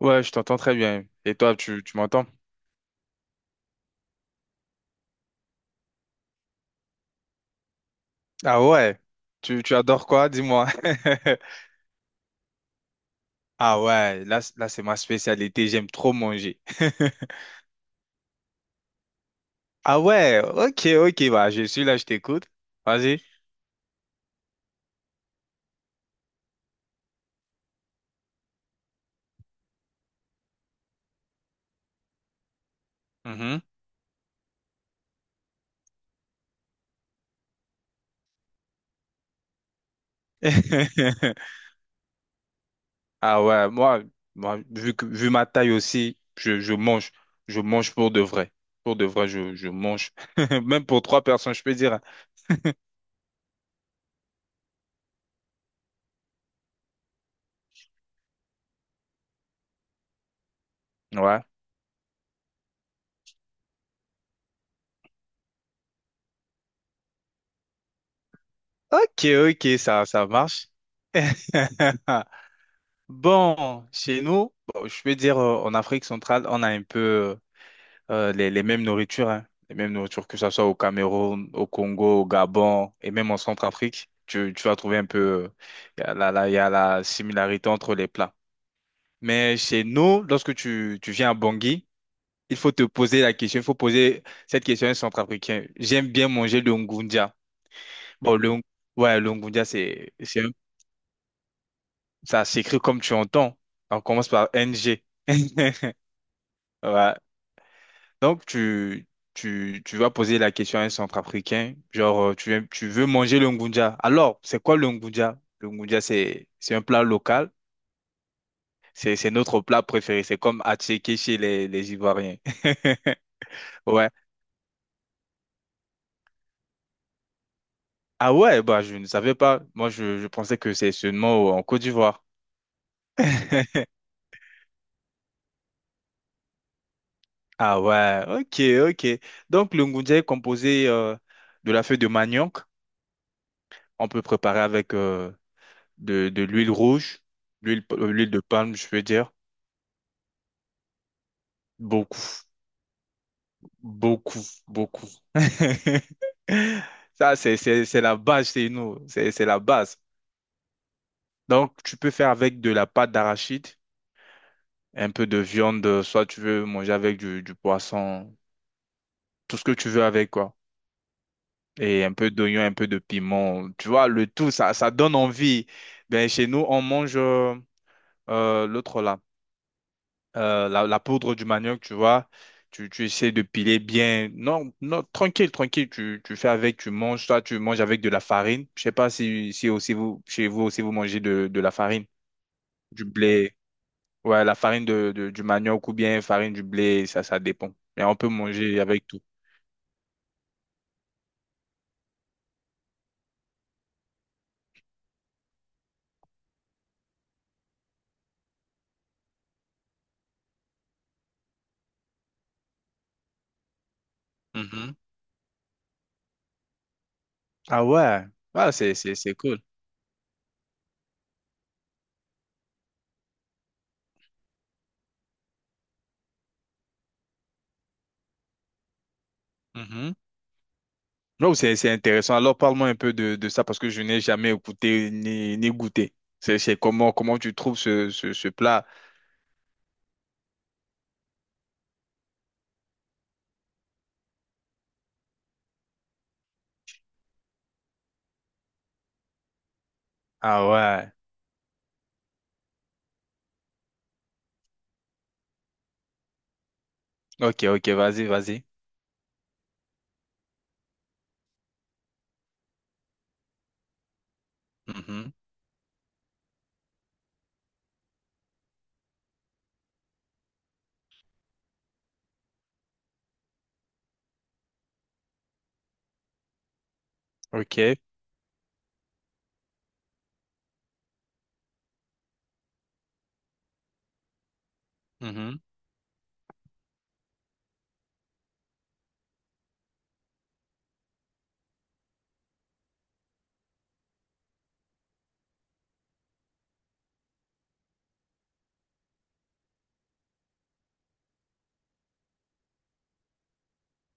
Ouais, je t'entends très bien. Et toi, tu m'entends? Ah ouais, tu adores quoi? Dis-moi. Ah ouais, là, là c'est ma spécialité, j'aime trop manger. Ah ouais, ok, ok, bah je suis là, je t'écoute. Vas-y. Mhm. Ah ouais, moi, moi vu, vu ma taille aussi, je mange. Je mange pour de vrai. Pour de vrai, je mange. Même pour trois personnes, je peux dire, hein. Ouais. Ok, ok, ça marche. Bon, chez nous, bon, je peux dire en Afrique centrale, on a un peu les mêmes nourritures, hein, les mêmes nourritures, que ce soit au Cameroun, au Congo, au Gabon et même en Centrafrique. Tu vas trouver un peu, euh, il y a il y a la similarité entre les plats. Mais chez nous, lorsque tu viens à Bangui, il faut te poser la question, il faut poser cette question à un Centrafricain. J'aime bien manger le ngundia. Bon, ouais, le ngundia, ça s'écrit comme tu entends. On commence par NG. Ouais. Donc, tu vas poser la question à un centrafricain, genre, tu veux manger le ngunja. Alors, c'est quoi le ngunja? Le ngunja, c'est un plat local. C'est notre plat préféré. C'est comme attiéké chez les Ivoiriens. Ouais. Ah ouais, bah, je ne savais pas. Moi, je pensais que c'est seulement en Côte d'Ivoire. Ah ouais, ok, ok. Donc, le ngunja est composé de la feuille de manioc. On peut préparer avec de l'huile rouge, l'huile, l'huile de palme, je veux dire. Beaucoup, beaucoup, beaucoup. Ça, c'est la base chez nous. C'est la base. Donc, tu peux faire avec de la pâte d'arachide, un peu de viande, soit tu veux manger avec du poisson, tout ce que tu veux avec, quoi. Et un peu d'oignon, un peu de piment. Tu vois, le tout, ça donne envie. Ben, chez nous, on mange l'autre là. La poudre du manioc, tu vois. Tu essaies de piler bien. Non, non, tranquille, tranquille. Tu fais avec, tu manges. Toi, tu manges avec de la farine. Je sais pas si, si aussi vous, chez vous aussi, vous mangez de la farine, du blé. Ouais, la farine du manioc ou bien farine du blé, ça dépend. Mais on peut manger avec tout. Mhm. Ah ouais. Ah, c'est cool. Mhm. Non, c'est intéressant. Alors, parle-moi un peu de ça parce que je n'ai jamais écouté ni, ni goûté. Comment tu trouves ce plat? Ah ouais. Ok, ok, vas-y, vas-y. Mhm. Ok. Mhm.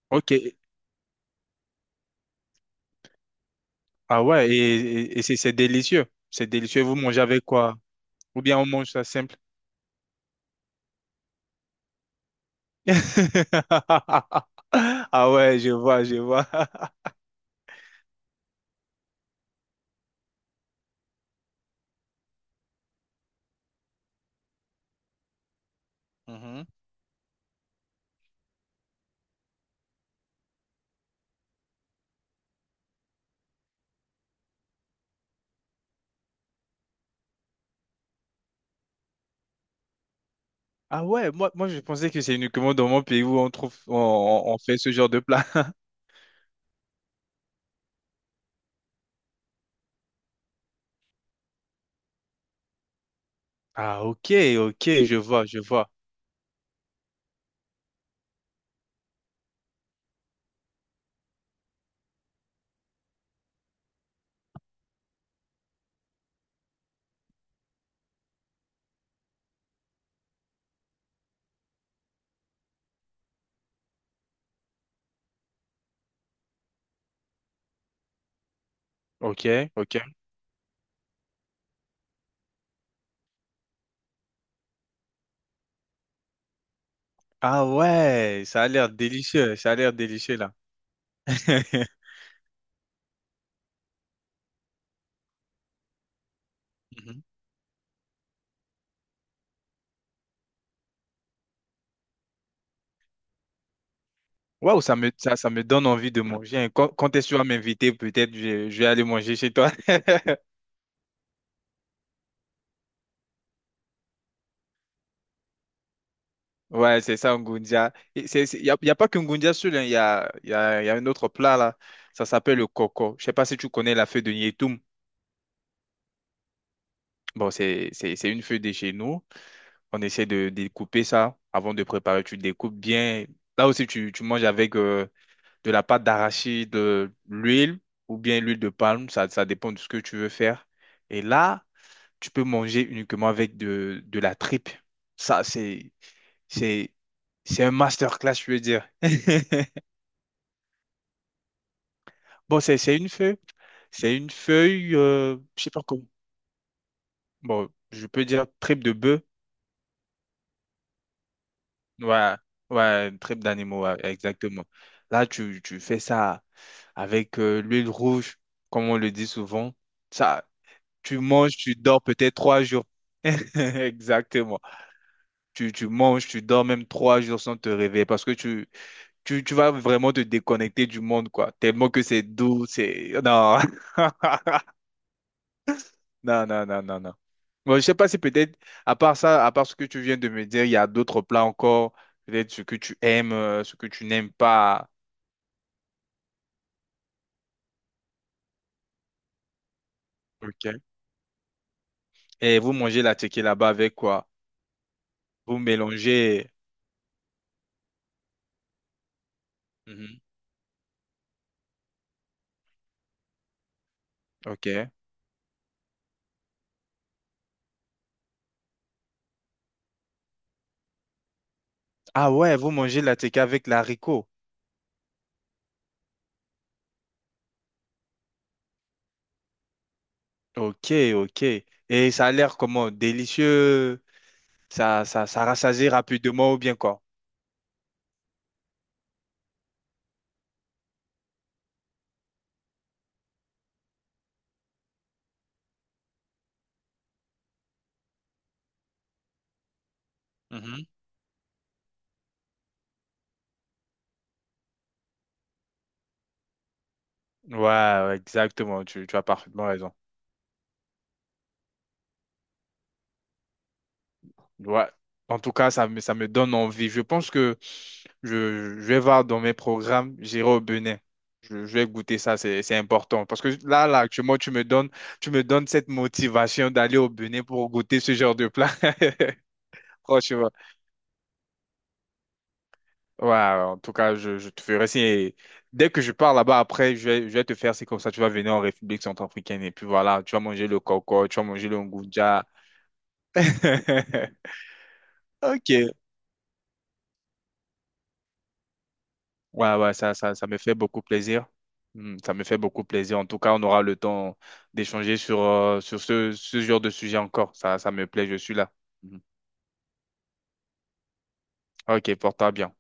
Ok. Ah ouais, et c'est délicieux. C'est délicieux. Vous mangez avec quoi? Ou bien on mange ça simple? Ah ouais, je vois, je vois. Mhm. Ah ouais, moi, moi je pensais que c'est uniquement dans mon pays où on trouve, on fait ce genre de plat. Ah ok, ok, je vois, je vois. Ok, ok. Ah ouais, ça a l'air délicieux, ça a l'air délicieux là. Waouh, ça me donne envie de manger, hein. Quand est-ce que tu vas m'inviter, peut-être je vais aller manger chez toi. Ouais, c'est ça, Ngunja. Y a pas que Ngunja seul, hein. il y a, y a, y a un autre plat là. Ça s'appelle le coco. Je sais pas si tu connais la feuille de Niétoum. Bon, c'est une feuille de chez nous. On essaie de découper ça avant de préparer. Tu découpes bien. Là aussi, tu manges avec de la pâte d'arachide, de l'huile ou bien l'huile de palme. Ça, dépend de ce que tu veux faire. Et là, tu peux manger uniquement avec de la tripe. Ça, c'est, c'est un masterclass, je veux dire. Bon, c'est une feuille. C'est une feuille, je sais pas comment. Bon, je peux dire tripe de bœuf. Ouais, ouais, une tripe d'animaux, ouais, exactement. Là, tu fais ça avec l'huile rouge, comme on le dit souvent. Ça, tu manges, tu dors peut-être trois jours. Exactement. Tu manges, tu dors même trois jours sans te réveiller parce que tu vas vraiment te déconnecter du monde, quoi. Tellement que c'est doux, c'est... Non, non, non, non, non, non. Bon, je sais pas si peut-être, à part ça, à part ce que tu viens de me dire, il y a d'autres plats encore, peut-être ce que tu aimes, ce que tu n'aimes pas. Ok. Et vous mangez la tequila là-bas avec quoi? Vous mélangez... Mhm. Ok. Ah ouais, vous mangez la tequila avec l'haricot. Ok, ok. Et ça a l'air comment? Délicieux. Ça rassasie rapidement ou bien quoi? Ouais, ouais, exactement, tu as parfaitement raison. Ouais. En tout cas, ça me donne envie. Je pense que je vais voir dans mes programmes, j'irai au Bénin. Je vais goûter ça, c'est important. Parce que là, là, actuellement, tu me donnes cette motivation d'aller au Bénin pour goûter ce genre de plat. Franchement. Ouais, ouais, en tout cas, je te ferai signe. Et dès que je pars là-bas, après, je vais te faire, c'est comme ça, tu vas venir en République centrafricaine. Et puis voilà, tu vas manger le coco, tu vas manger le ngoudja. Ok. Ouais, ouais, ça me fait beaucoup plaisir. Hmm, ça me fait beaucoup plaisir. En tout cas, on aura le temps d'échanger sur, sur ce, ce genre de sujet encore. Ça me plaît, je suis là. Mhm. Ok, porte-toi bien.